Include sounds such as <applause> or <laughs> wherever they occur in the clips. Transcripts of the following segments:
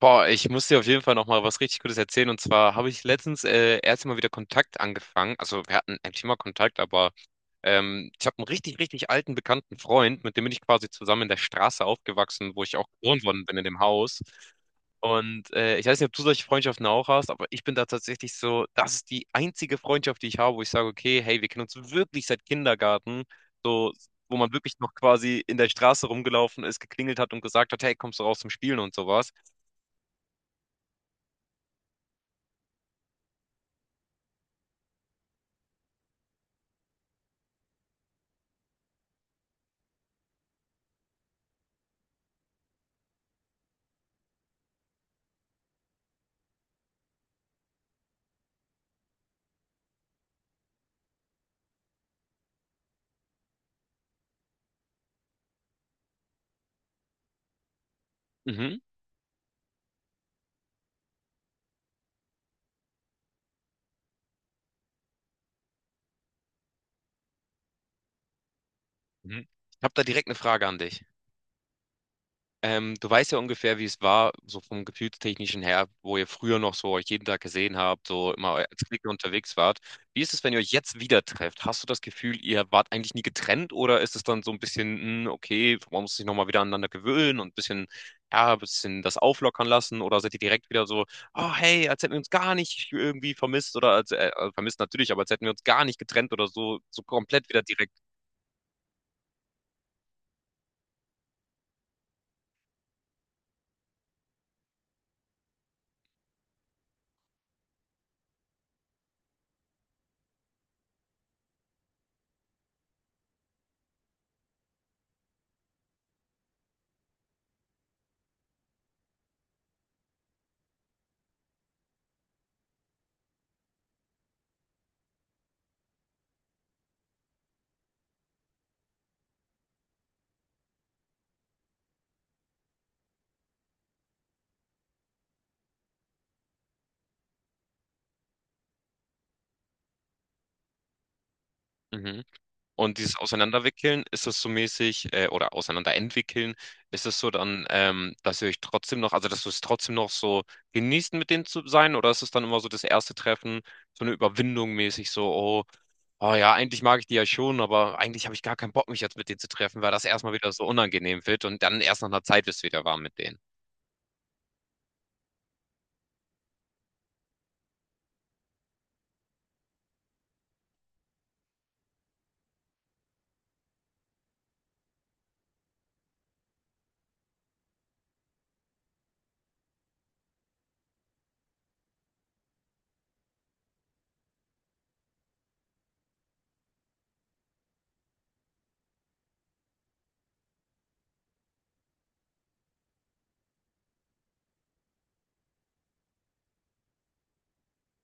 Boah, ich muss dir auf jeden Fall noch mal was richtig Gutes erzählen. Und zwar habe ich letztens erst mal wieder Kontakt angefangen. Also wir hatten eigentlich immer Kontakt, aber ich habe einen richtig, richtig alten bekannten Freund, mit dem bin ich quasi zusammen in der Straße aufgewachsen, wo ich auch geboren worden bin in dem Haus. Und ich weiß nicht, ob du solche Freundschaften auch hast, aber ich bin da tatsächlich so, das ist die einzige Freundschaft, die ich habe, wo ich sage, okay, hey, wir kennen uns wirklich seit Kindergarten, so, wo man wirklich noch quasi in der Straße rumgelaufen ist, geklingelt hat und gesagt hat, hey, kommst du raus zum Spielen und sowas. Mhm. Mhm. Ich habe da direkt eine Frage an dich. Du weißt ja ungefähr, wie es war, so vom Gefühlstechnischen her, wo ihr früher noch so euch jeden Tag gesehen habt, so immer als Clique unterwegs wart. Wie ist es, wenn ihr euch jetzt wieder trefft? Hast du das Gefühl, ihr wart eigentlich nie getrennt oder ist es dann so ein bisschen, okay, man muss sich nochmal wieder aneinander gewöhnen und ein bisschen, ja, ein bisschen das auflockern lassen oder seid ihr direkt wieder so, oh hey, als hätten wir uns gar nicht irgendwie vermisst oder als, vermisst natürlich, aber als hätten wir uns gar nicht getrennt oder so, so komplett wieder direkt. Mhm. Und dieses Auseinanderwickeln, ist es so mäßig, oder Auseinanderentwickeln, ist es so dann, dass ihr euch trotzdem noch, also dass du es trotzdem noch so genießt, mit denen zu sein, oder ist es dann immer so das erste Treffen, so eine Überwindung mäßig, so, oh, oh ja, eigentlich mag ich die ja schon, aber eigentlich habe ich gar keinen Bock, mich jetzt mit denen zu treffen, weil das erstmal wieder so unangenehm wird und dann erst nach einer Zeit wird es wieder warm mit denen.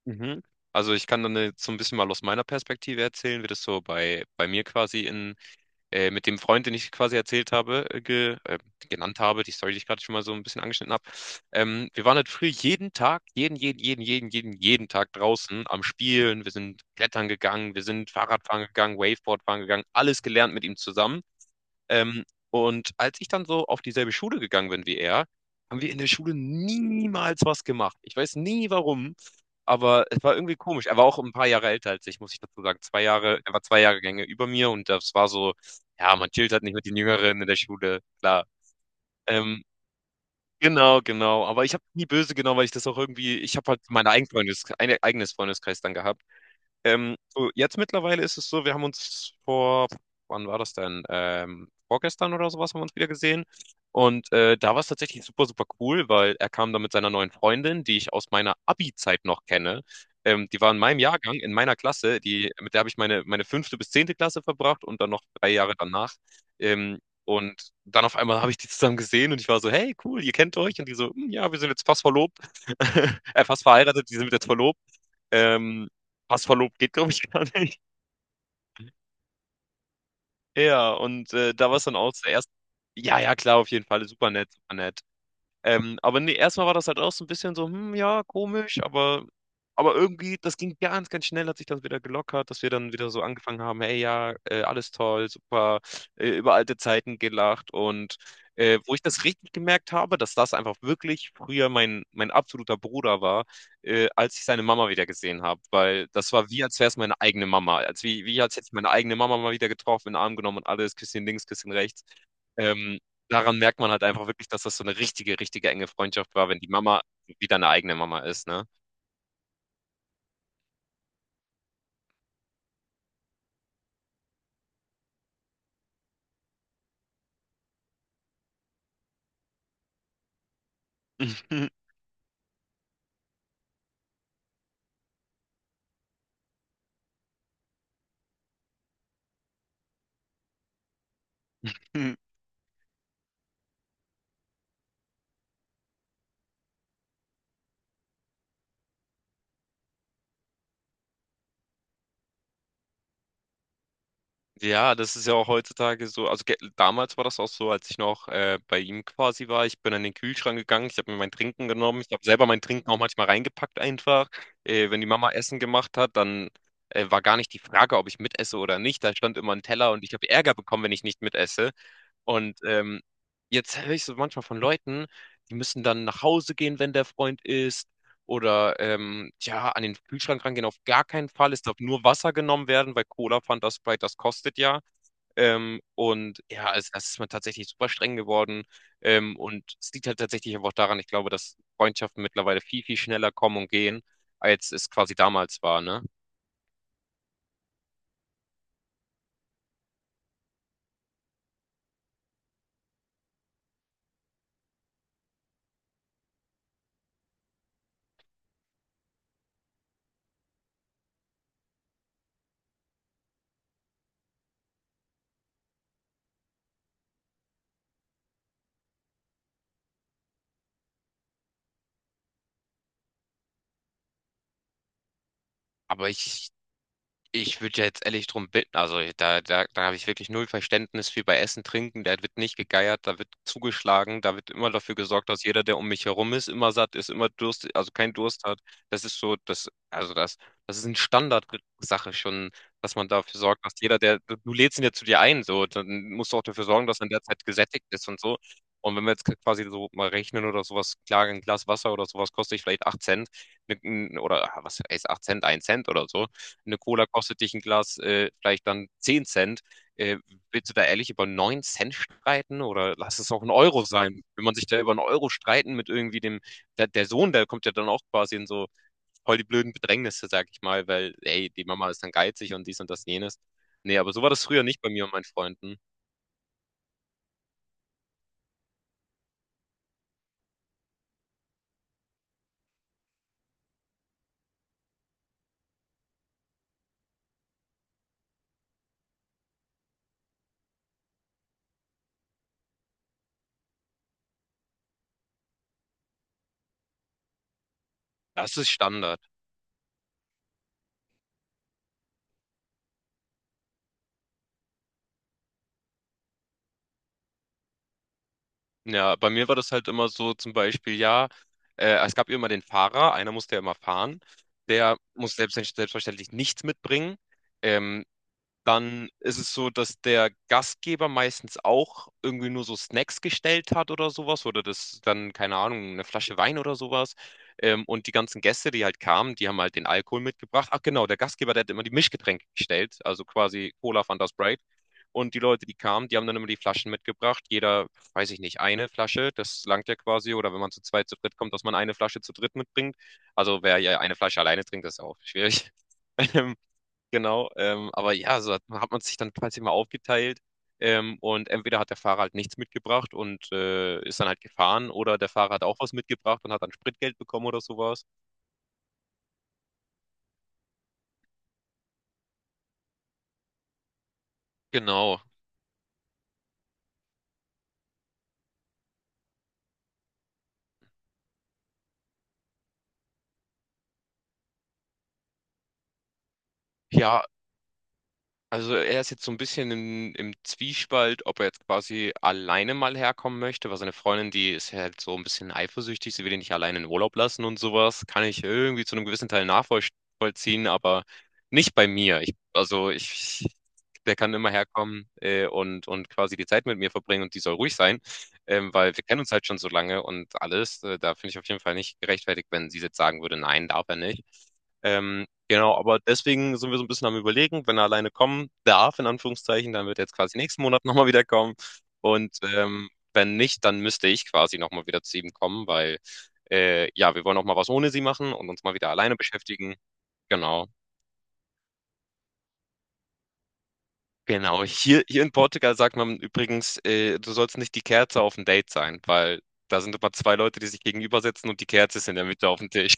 Mhm. Also ich kann dann jetzt so ein bisschen mal aus meiner Perspektive erzählen, wie das so bei, bei mir quasi in mit dem Freund, den ich quasi erzählt habe, genannt habe, die Story, die ich gerade schon mal so ein bisschen angeschnitten habe. Wir waren halt früher jeden Tag, jeden, jeden, jeden, jeden, jeden, jeden Tag draußen am Spielen. Wir sind klettern gegangen, wir sind Fahrradfahren gegangen, Waveboard fahren gegangen, alles gelernt mit ihm zusammen. Ähm, und als ich dann so auf dieselbe Schule gegangen bin wie er, haben wir in der Schule niemals was gemacht. Ich weiß nie warum, aber es war irgendwie komisch. Er war auch ein paar Jahre älter als ich, muss ich dazu sagen. 2 Jahre, er war 2 Jahrgänge über mir und das war so, ja, man chillt halt nicht mit den Jüngeren in der Schule, klar. Ähm, genau, genau. Aber ich habe nie böse genommen, weil ich das auch irgendwie, ich habe halt meinen eigenen Freundes, eigenes Freundeskreis dann gehabt. So jetzt mittlerweile ist es so, wir haben uns vor, wann war das denn? Vorgestern oder sowas haben wir uns wieder gesehen. Und da war es tatsächlich super, super cool, weil er kam da mit seiner neuen Freundin, die ich aus meiner Abi-Zeit noch kenne. Die war in meinem Jahrgang, in meiner Klasse, die, mit der habe ich meine fünfte bis zehnte Klasse verbracht und dann noch 3 Jahre danach. Ähm, und dann auf einmal habe ich die zusammen gesehen und ich war so, hey, cool, ihr kennt euch. Und die so, "Hm, ja, wir sind jetzt fast verlobt, <laughs> fast verheiratet, die sind jetzt verlobt. Ähm, Passverlob geht, glaube ich, <laughs> gar nicht. Ja, und da war es dann auch zuerst. Ja, ja, klar, auf jeden Fall. Super nett, super nett. Aber nee, erstmal war das halt auch so ein bisschen so, ja, komisch, aber irgendwie, das ging ganz, ganz schnell, hat sich das wieder gelockert, dass wir dann wieder so angefangen haben, hey, ja, alles toll, super, über alte Zeiten gelacht und wo ich das richtig gemerkt habe, dass das einfach wirklich früher mein absoluter Bruder war, als ich seine Mama wieder gesehen habe, weil das war wie, als wäre es meine eigene Mama, als wie, wie als hätte ich meine eigene Mama mal wieder getroffen, in den Arm genommen und alles, Küsschen links, Küsschen rechts. Ähm, daran merkt man halt einfach wirklich, dass das so eine richtige, richtige enge Freundschaft war, wenn die Mama wieder eine eigene Mama ist, ne? <laughs> Ja, das ist ja auch heutzutage so. Also, ge damals war das auch so, als ich noch, bei ihm quasi war. Ich bin an den Kühlschrank gegangen, ich habe mir mein Trinken genommen. Ich habe selber mein Trinken auch manchmal reingepackt einfach. Wenn die Mama Essen gemacht hat, dann, war gar nicht die Frage, ob ich mitesse oder nicht. Da stand immer ein Teller und ich habe Ärger bekommen, wenn ich nicht mitesse. Und jetzt höre ich so manchmal von Leuten, die müssen dann nach Hause gehen, wenn der Freund isst. Oder ja, an den Kühlschrank rangehen auf gar keinen Fall. Es darf nur Wasser genommen werden, weil Cola, Fanta, Sprite, das kostet ja. Und ja, es ist man tatsächlich super streng geworden. Und es liegt halt tatsächlich aber auch daran, ich glaube, dass Freundschaften mittlerweile viel, viel schneller kommen und gehen, als es quasi damals war, ne? Aber ich würde ja jetzt ehrlich drum bitten, also da habe ich wirklich null Verständnis für bei Essen, Trinken, da wird nicht gegeiert, da wird zugeschlagen, da wird immer dafür gesorgt, dass jeder, der um mich herum ist, immer satt ist, immer Durst, also keinen Durst hat. Das ist so, das ist eine Standardsache schon, dass man dafür sorgt, dass jeder, der, du lädst ihn ja zu dir ein, so, dann musst du auch dafür sorgen, dass er in der Zeit gesättigt ist und so. Und wenn wir jetzt quasi so mal rechnen oder sowas, klar, ein Glas Wasser oder sowas kostet vielleicht 8 Cent, oder was ist 8 Cent, 1 Cent oder so eine Cola kostet dich ein Glas vielleicht dann 10 Cent. Äh, willst du da ehrlich über 9 Cent streiten oder lass es auch 1 Euro sein? Wenn man sich da über 1 Euro streiten mit irgendwie dem, der Sohn, der kommt ja dann auch quasi in so voll die blöden Bedrängnisse, sag ich mal, weil, ey, die Mama ist dann geizig und dies und das jenes. Nee, aber so war das früher nicht bei mir und meinen Freunden. Das ist Standard. Ja, bei mir war das halt immer so, zum Beispiel, ja, es gab immer den Fahrer, einer musste ja immer fahren, der muss selbstverständlich nichts mitbringen. Ähm, Dann ist es so, dass der Gastgeber meistens auch irgendwie nur so Snacks gestellt hat oder sowas oder das dann, keine Ahnung, eine Flasche Wein oder sowas. Und die ganzen Gäste, die halt kamen, die haben halt den Alkohol mitgebracht. Ach genau, der Gastgeber, der hat immer die Mischgetränke gestellt, also quasi Cola, Fanta, Sprite. Und die Leute, die kamen, die haben dann immer die Flaschen mitgebracht. Jeder, weiß ich nicht, eine Flasche, das langt ja quasi. Oder wenn man zu zweit, zu dritt kommt, dass man eine Flasche zu dritt mitbringt. Also wer ja eine Flasche alleine trinkt, das ist ja auch schwierig. <laughs> Genau, aber ja, so hat man sich dann quasi mal aufgeteilt. Und entweder hat der Fahrer halt nichts mitgebracht und ist dann halt gefahren, oder der Fahrer hat auch was mitgebracht und hat dann Spritgeld bekommen oder sowas. Genau. Ja, also er ist jetzt so ein bisschen im Zwiespalt, ob er jetzt quasi alleine mal herkommen möchte, weil seine Freundin, die ist ja halt so ein bisschen eifersüchtig, sie will ihn nicht alleine in Urlaub lassen und sowas. Kann ich irgendwie zu einem gewissen Teil nachvollziehen, aber nicht bei mir. Der kann immer herkommen und, quasi die Zeit mit mir verbringen und die soll ruhig sein, weil wir kennen uns halt schon so lange und alles. Da finde ich auf jeden Fall nicht gerechtfertigt, wenn sie jetzt sagen würde, nein, darf er nicht. Genau, aber deswegen sind wir so ein bisschen am Überlegen, wenn er alleine kommen darf, in Anführungszeichen, dann wird er jetzt quasi nächsten Monat <laughs> nochmal wieder kommen. Und wenn nicht, dann müsste ich quasi nochmal wieder zu ihm kommen, weil ja, wir wollen auch mal was ohne sie machen und uns mal wieder alleine beschäftigen. Genau. Genau. Hier in Portugal sagt man übrigens, du sollst nicht die Kerze auf dem Date sein, weil da sind immer zwei Leute, die sich gegenüber sitzen und die Kerze ist in der Mitte auf dem Tisch.